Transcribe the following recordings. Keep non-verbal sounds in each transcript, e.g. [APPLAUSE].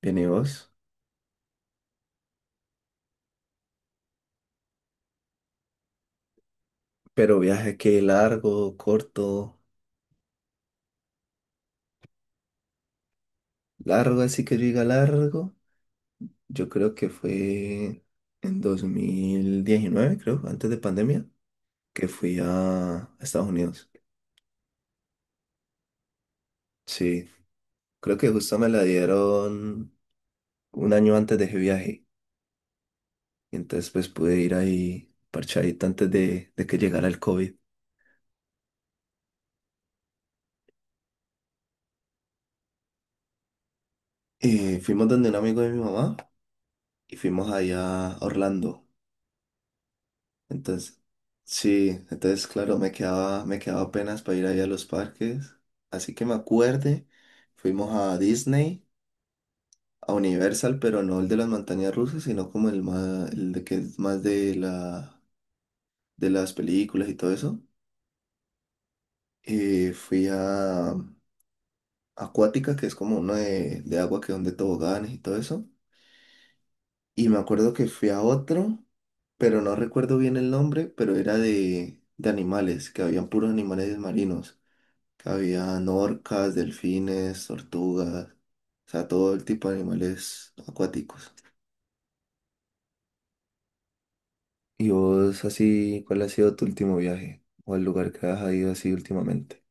Bien, ¿y vos? Pero viaje que largo, corto, largo, así que yo diga largo. Yo creo que fue en 2019, creo, antes de pandemia, que fui a Estados Unidos. Sí, creo que justo me la dieron un año antes de ese viaje. Y entonces pues pude ir ahí parchadito antes de que llegara el COVID. Y fuimos donde un amigo de mi mamá y fuimos allá a Orlando. Entonces, sí, entonces, claro, me quedaba apenas para ir ahí a los parques. Así que me acuerde, fuimos a Disney, a Universal, pero no el de las montañas rusas, sino como el más, el de que es más de las películas y todo eso. Fui a Acuática, que es como uno de agua que donde toboganes y todo eso. Y me acuerdo que fui a otro, pero no recuerdo bien el nombre, pero era de animales, que habían puros animales marinos. Habían orcas, delfines, tortugas, o sea, todo el tipo de animales acuáticos. ¿Y vos así, cuál ha sido tu último viaje? ¿O el lugar que has ido así últimamente?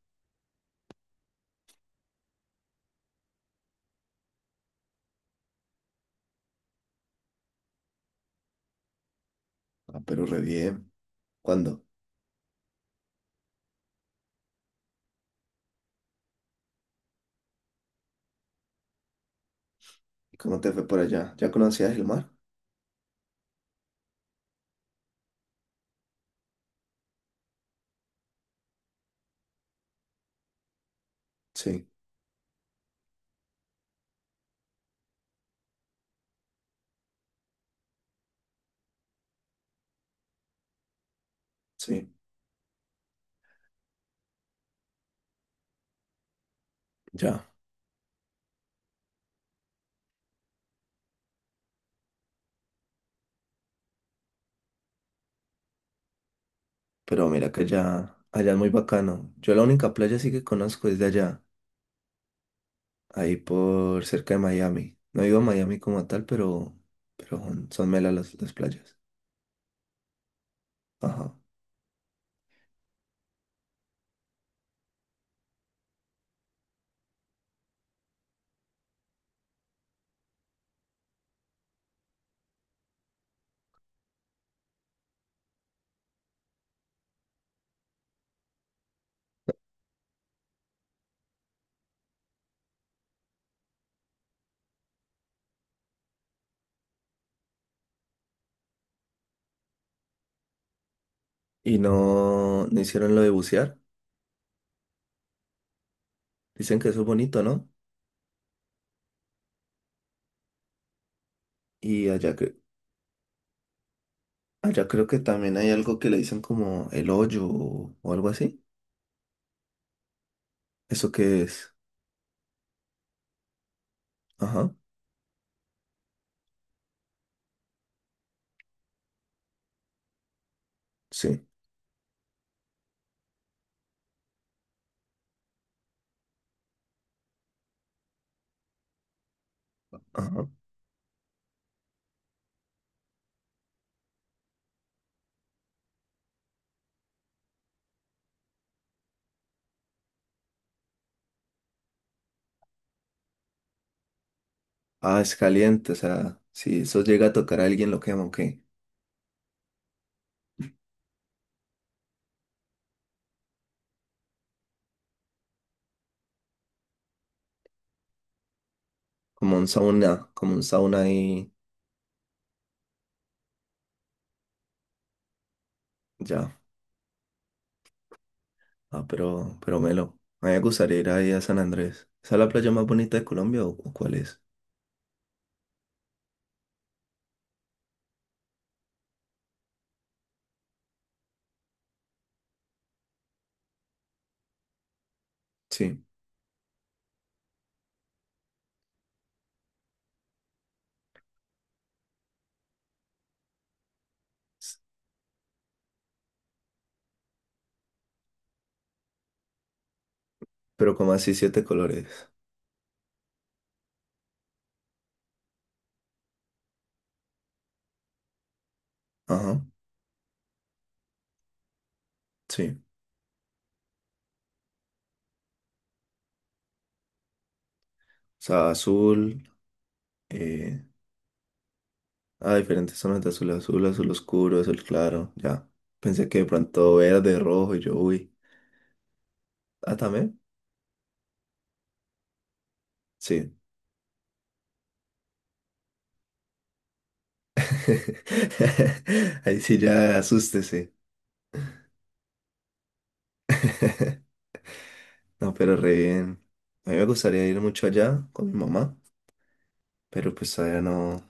Ah, pero re bien. ¿Cuándo? ¿Cómo te fue por allá? ¿Ya conocías el mar? Sí, sí, ya. Pero mira que allá es muy bacano. Yo la única playa sí que conozco es de allá, ahí por cerca de Miami. No he ido a Miami como tal, pero son, son melas las playas. Ajá. Y no, no hicieron lo de bucear. Dicen que eso es bonito, ¿no? Y allá, allá creo que también hay algo que le dicen como el hoyo o algo así. ¿Eso qué es? Ajá, sí, ajá. Ah, es caliente, o sea, si eso llega a tocar a alguien lo quema, ok. Como un sauna ahí, ya. Ah, pero Melo, a mí me gustaría ir ahí a San Andrés. ¿Esa es la playa más bonita de Colombia o cuál es? Sí, pero como así siete colores. Ajá, sí. O sea, azul, eh, ah, diferentes zonas de azul, azul, azul oscuro, azul claro, ya. Pensé que de pronto verde, rojo, y yo, uy. Ah, también, sí. [LAUGHS] Ahí sí ya asústese. [LAUGHS] No, pero re bien. A mí me gustaría ir mucho allá con mi mamá, pero pues todavía no.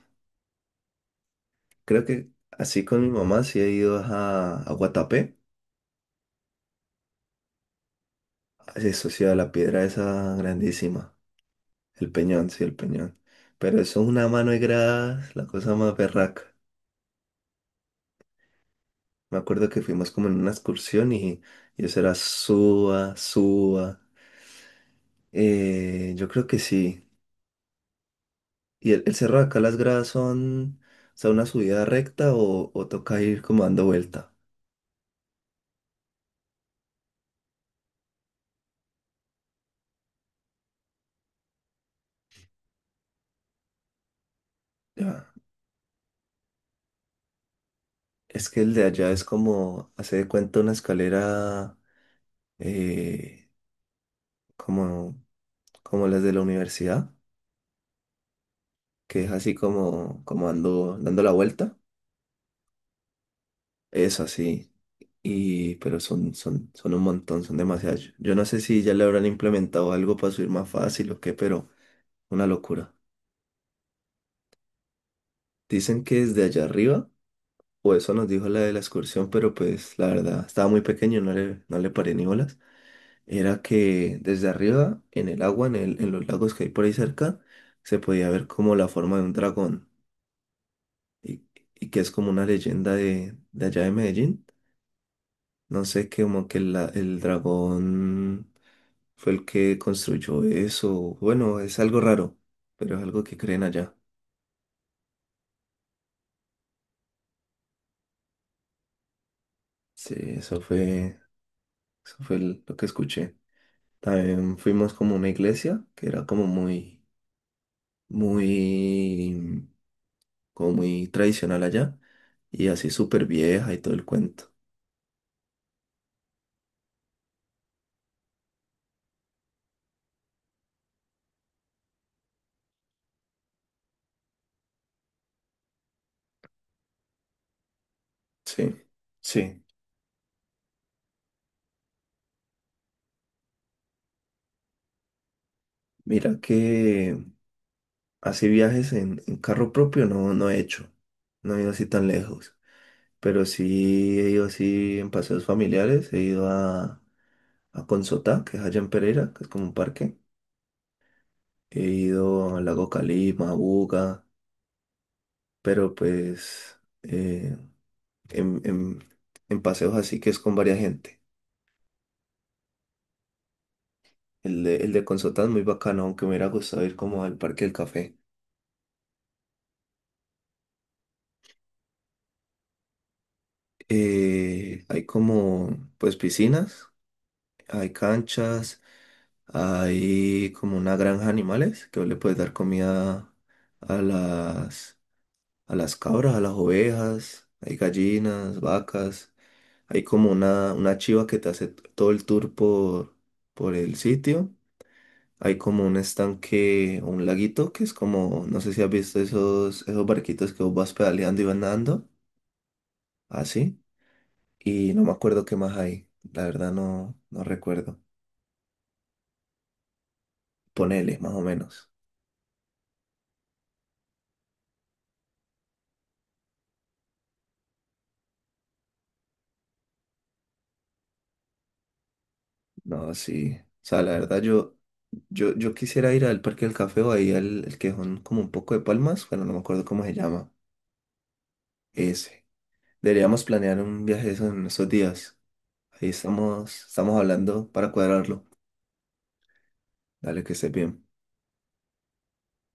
Creo que así con mi mamá sí he ido a Guatapé. Eso sí, a la piedra esa grandísima. El Peñón, sí, el Peñón. Pero eso es una mano de gradas, la cosa más berraca. Me acuerdo que fuimos como en una excursión y eso era suba, suba. Yo creo que sí. ¿Y el cerro de acá, las gradas son, o sea, una subida recta o toca ir como dando vuelta? Ya. Es que el de allá es como, hace de cuenta una escalera eh, como, como las de la universidad, que es así como, como dando, dando la vuelta. Eso sí. Y, pero son, son, son un montón, son demasiados. Yo no sé si ya le habrán implementado algo para subir más fácil o qué, pero una locura. Dicen que desde allá arriba, o eso nos dijo la de la excursión, pero pues la verdad, estaba muy pequeño, no le paré ni bolas. Era que desde arriba, en el agua, en los lagos que hay por ahí cerca, se podía ver como la forma de un dragón. Y, y que es como una leyenda de allá de Medellín. No sé, que como que el dragón fue el que construyó eso. Bueno, es algo raro, pero es algo que creen allá. Sí, eso fue lo que escuché. También fuimos como a una iglesia que era como muy, muy, como muy tradicional allá y así súper vieja y todo el cuento. Sí, sí. Mira que así viajes en, carro propio no, no he hecho. No he ido así tan lejos. Pero sí he ido así en paseos familiares, he ido a Consotá, que es allá en Pereira, que es como un parque. He ido al lago Calima, a Buga, pero pues en, en paseos así que es con varias gente. El de Consotá es muy bacano, aunque me hubiera gustado ir como al Parque del Café. Hay como pues piscinas, hay canchas, hay como una granja de animales que vos le puedes dar comida a las a las cabras, a las ovejas, hay gallinas, vacas, hay como una chiva que te hace todo el tour por el sitio. Hay como un estanque o un laguito que es como, no sé si has visto esos, esos barquitos que vos vas pedaleando y van nadando, así. Y no me acuerdo qué más hay, la verdad no, no recuerdo. Ponele, más o menos. No, sí. O sea, la verdad yo quisiera ir al Parque del Café o ahí al el que son como un poco de palmas, bueno, no me acuerdo cómo se llama. Ese. Deberíamos planear un viaje de esos en esos días. Ahí estamos, estamos hablando para cuadrarlo. Dale, que estés bien.